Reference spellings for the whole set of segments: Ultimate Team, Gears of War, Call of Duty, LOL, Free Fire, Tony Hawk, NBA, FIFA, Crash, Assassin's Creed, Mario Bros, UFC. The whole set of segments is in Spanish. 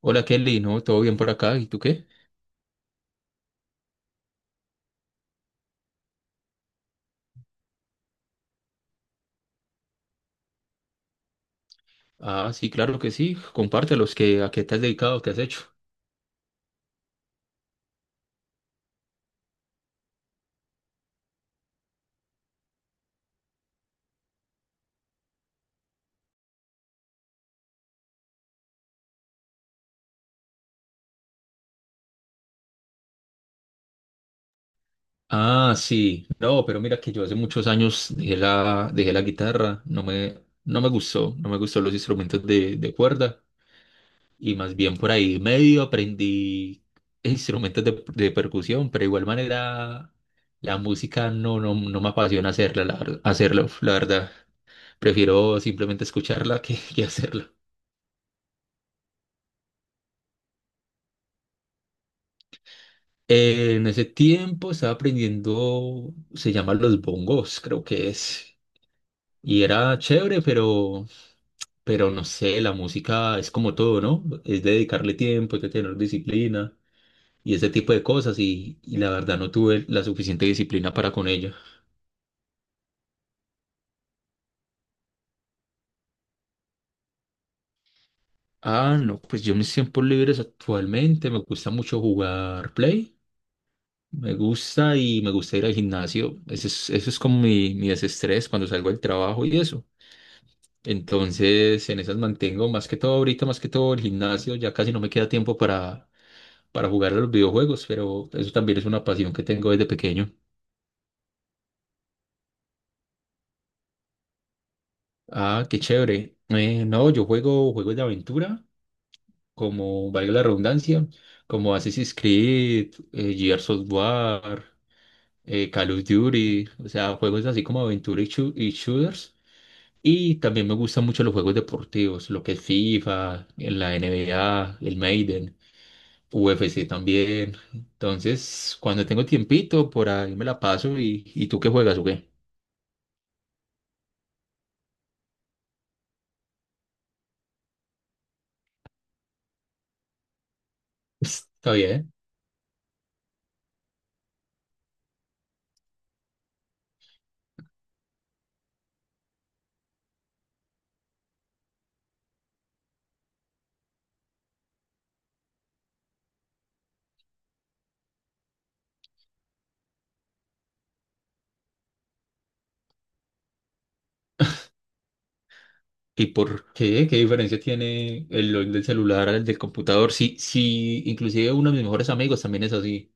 Hola Kelly, ¿no? ¿Todo bien por acá? ¿Y tú qué? Ah, sí, claro que sí. Compártelos, que, ¿a qué te has dedicado? ¿Qué has hecho? Ah, sí. No, pero mira que yo hace muchos años dejé la guitarra. No me gustó, no me gustó los instrumentos de cuerda. Y más bien por ahí medio aprendí instrumentos de percusión, pero de igual manera la música no me apasiona hacerla, hacerlo, la verdad. Prefiero simplemente escucharla que hacerla. En ese tiempo estaba aprendiendo, se llaman los bongos, creo que es. Y era chévere, pero no sé, la música es como todo, ¿no? Es dedicarle tiempo, es de tener disciplina y ese tipo de cosas. Y la verdad no tuve la suficiente disciplina para con ella. Ah, no, pues yo en mis tiempos libres actualmente me gusta mucho jugar Play. Me gusta y me gusta ir al gimnasio. Eso es como mi desestrés cuando salgo del trabajo y eso. Entonces, en esas mantengo más que todo ahorita, más que todo el gimnasio, ya casi no me queda tiempo para jugar a los videojuegos, pero eso también es una pasión que tengo desde pequeño. Ah, qué chévere. No, yo juego juegos de aventura, como valga la redundancia, como Assassin's Creed, Gears of War, Call of Duty, o sea, juegos así como aventura y shooters. Y también me gustan mucho los juegos deportivos, lo que es FIFA, en la NBA, el Maiden. UFC también. Entonces, cuando tengo tiempito, por ahí me la paso ¿y tú qué juegas o qué? Está bien. ¿Y por qué? ¿Qué diferencia tiene el LOL del celular al del computador? Sí, sí, inclusive uno de mis mejores amigos también es así.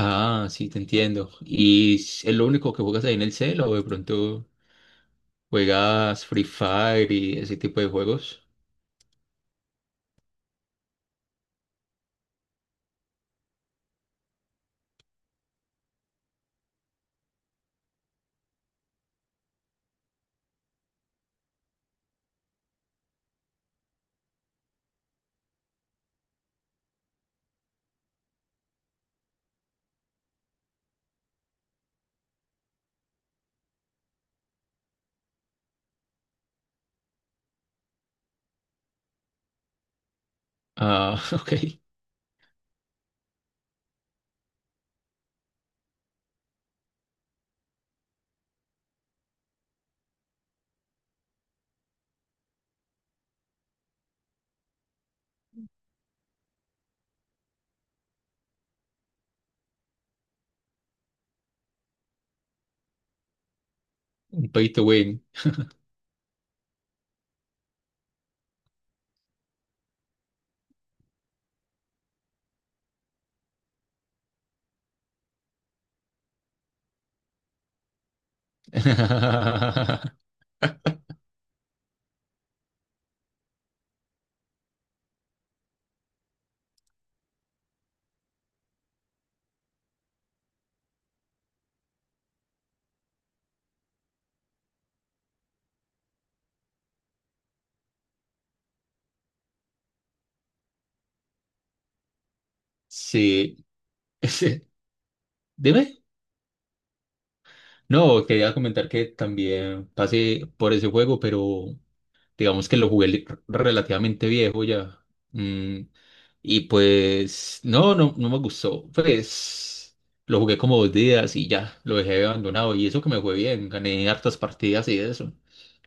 Ah, sí, te entiendo. ¿Y es lo único que juegas ahí en el cel o de pronto juegas Free Fire y ese tipo de juegos? Ah, ok. Un pay to win. Sí. Dime. No, quería comentar que también pasé por ese juego, pero digamos que relativamente viejo ya. Mm, y pues, no me gustó. Pues lo jugué como dos días y ya, lo dejé abandonado. Y eso que me fue bien, gané hartas partidas y eso.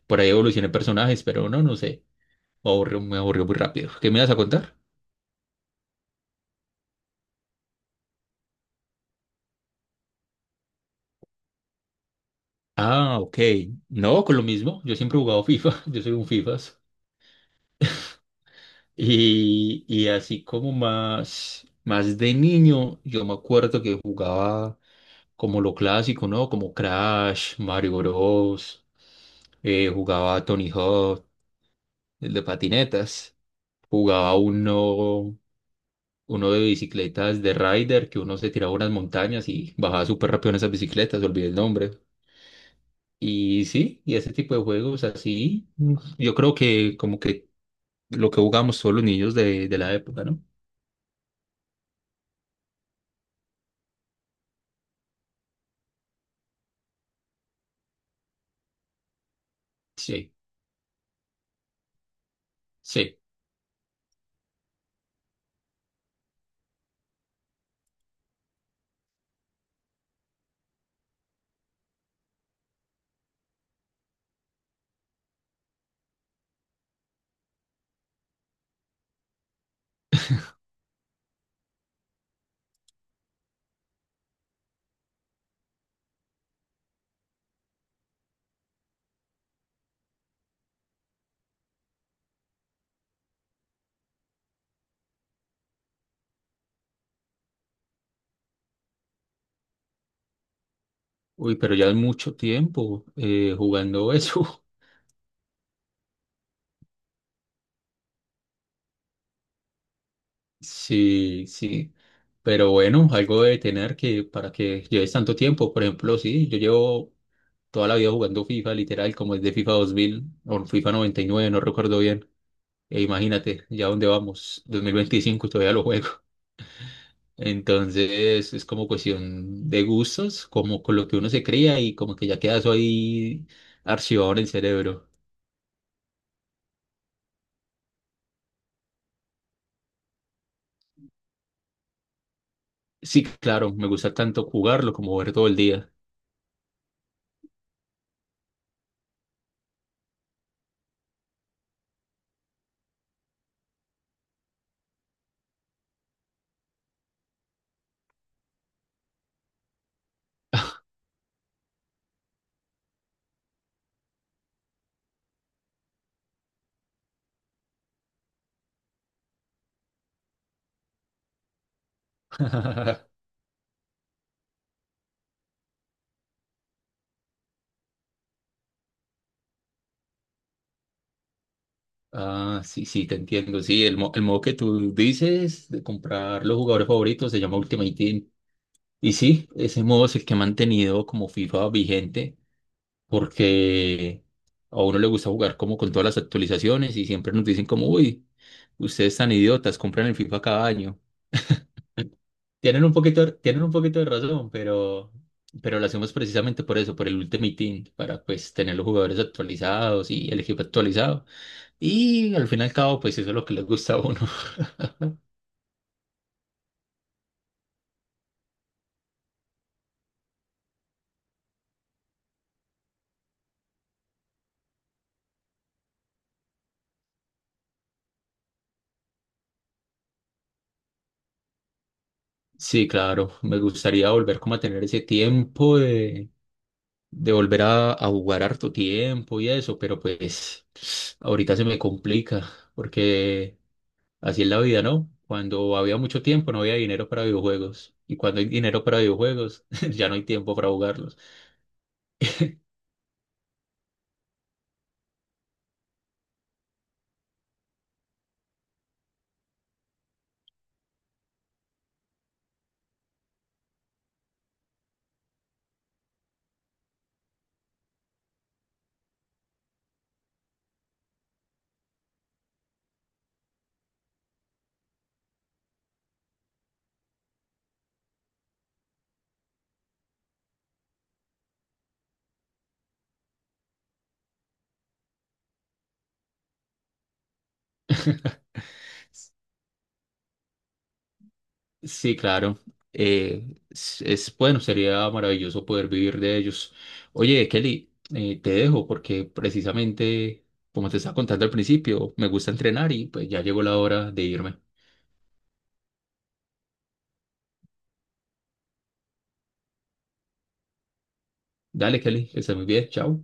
Por ahí evolucioné personajes, pero no, no sé. Me aburrió muy rápido. ¿Qué me vas a contar? Ah, ok. No, con lo mismo. Yo siempre he jugado FIFA. Yo soy un FIFA. Y así como más de niño, yo me acuerdo que jugaba como lo clásico, ¿no? Como Crash, Mario Bros., jugaba Tony Hawk, el de patinetas. Jugaba uno, uno de bicicletas de rider, que uno se tiraba unas montañas y bajaba súper rápido en esas bicicletas, olvidé el nombre. Y sí, y ese tipo de juegos así, yo creo que como que lo que jugamos todos los niños de la época, ¿no? Sí, sí. Uy, pero ya es mucho tiempo jugando eso. Sí, sí. Pero bueno, algo de tener que para que lleves tanto tiempo. Por ejemplo, sí, yo llevo toda la vida jugando FIFA, literal, como es de FIFA 2000 o FIFA 99 no recuerdo bien. E imagínate, ya dónde vamos, 2025 todavía lo juego. Entonces es como cuestión de gustos, como con lo que uno se cría y como que ya queda eso ahí archivado en el cerebro. Sí, claro, me gusta tanto jugarlo como ver todo el día. Ah, sí, sí, te entiendo. Sí, el modo que tú dices de comprar los jugadores favoritos se llama Ultimate Team. Y sí, ese modo es el que ha mantenido como FIFA vigente porque a uno le gusta jugar como con todas las actualizaciones y siempre nos dicen como, uy, ustedes tan idiotas, compran el FIFA cada año. Tienen un poquito de razón, pero lo hacemos precisamente por eso, por el Ultimate Team, para pues tener los jugadores actualizados y el equipo actualizado. Y al fin y al cabo, pues eso es lo que les gusta a uno. Sí, claro, me gustaría volver como a tener ese tiempo de volver a jugar harto tiempo y eso, pero pues ahorita se me complica, porque así es la vida, ¿no? Cuando había mucho tiempo no había dinero para videojuegos, y cuando hay dinero para videojuegos ya no hay tiempo para jugarlos. Sí, claro. Bueno, sería maravilloso poder vivir de ellos. Oye, Kelly, te dejo porque precisamente, como te estaba contando al principio, me gusta entrenar y pues ya llegó la hora de irme. Dale, Kelly, que estés muy bien. Chao.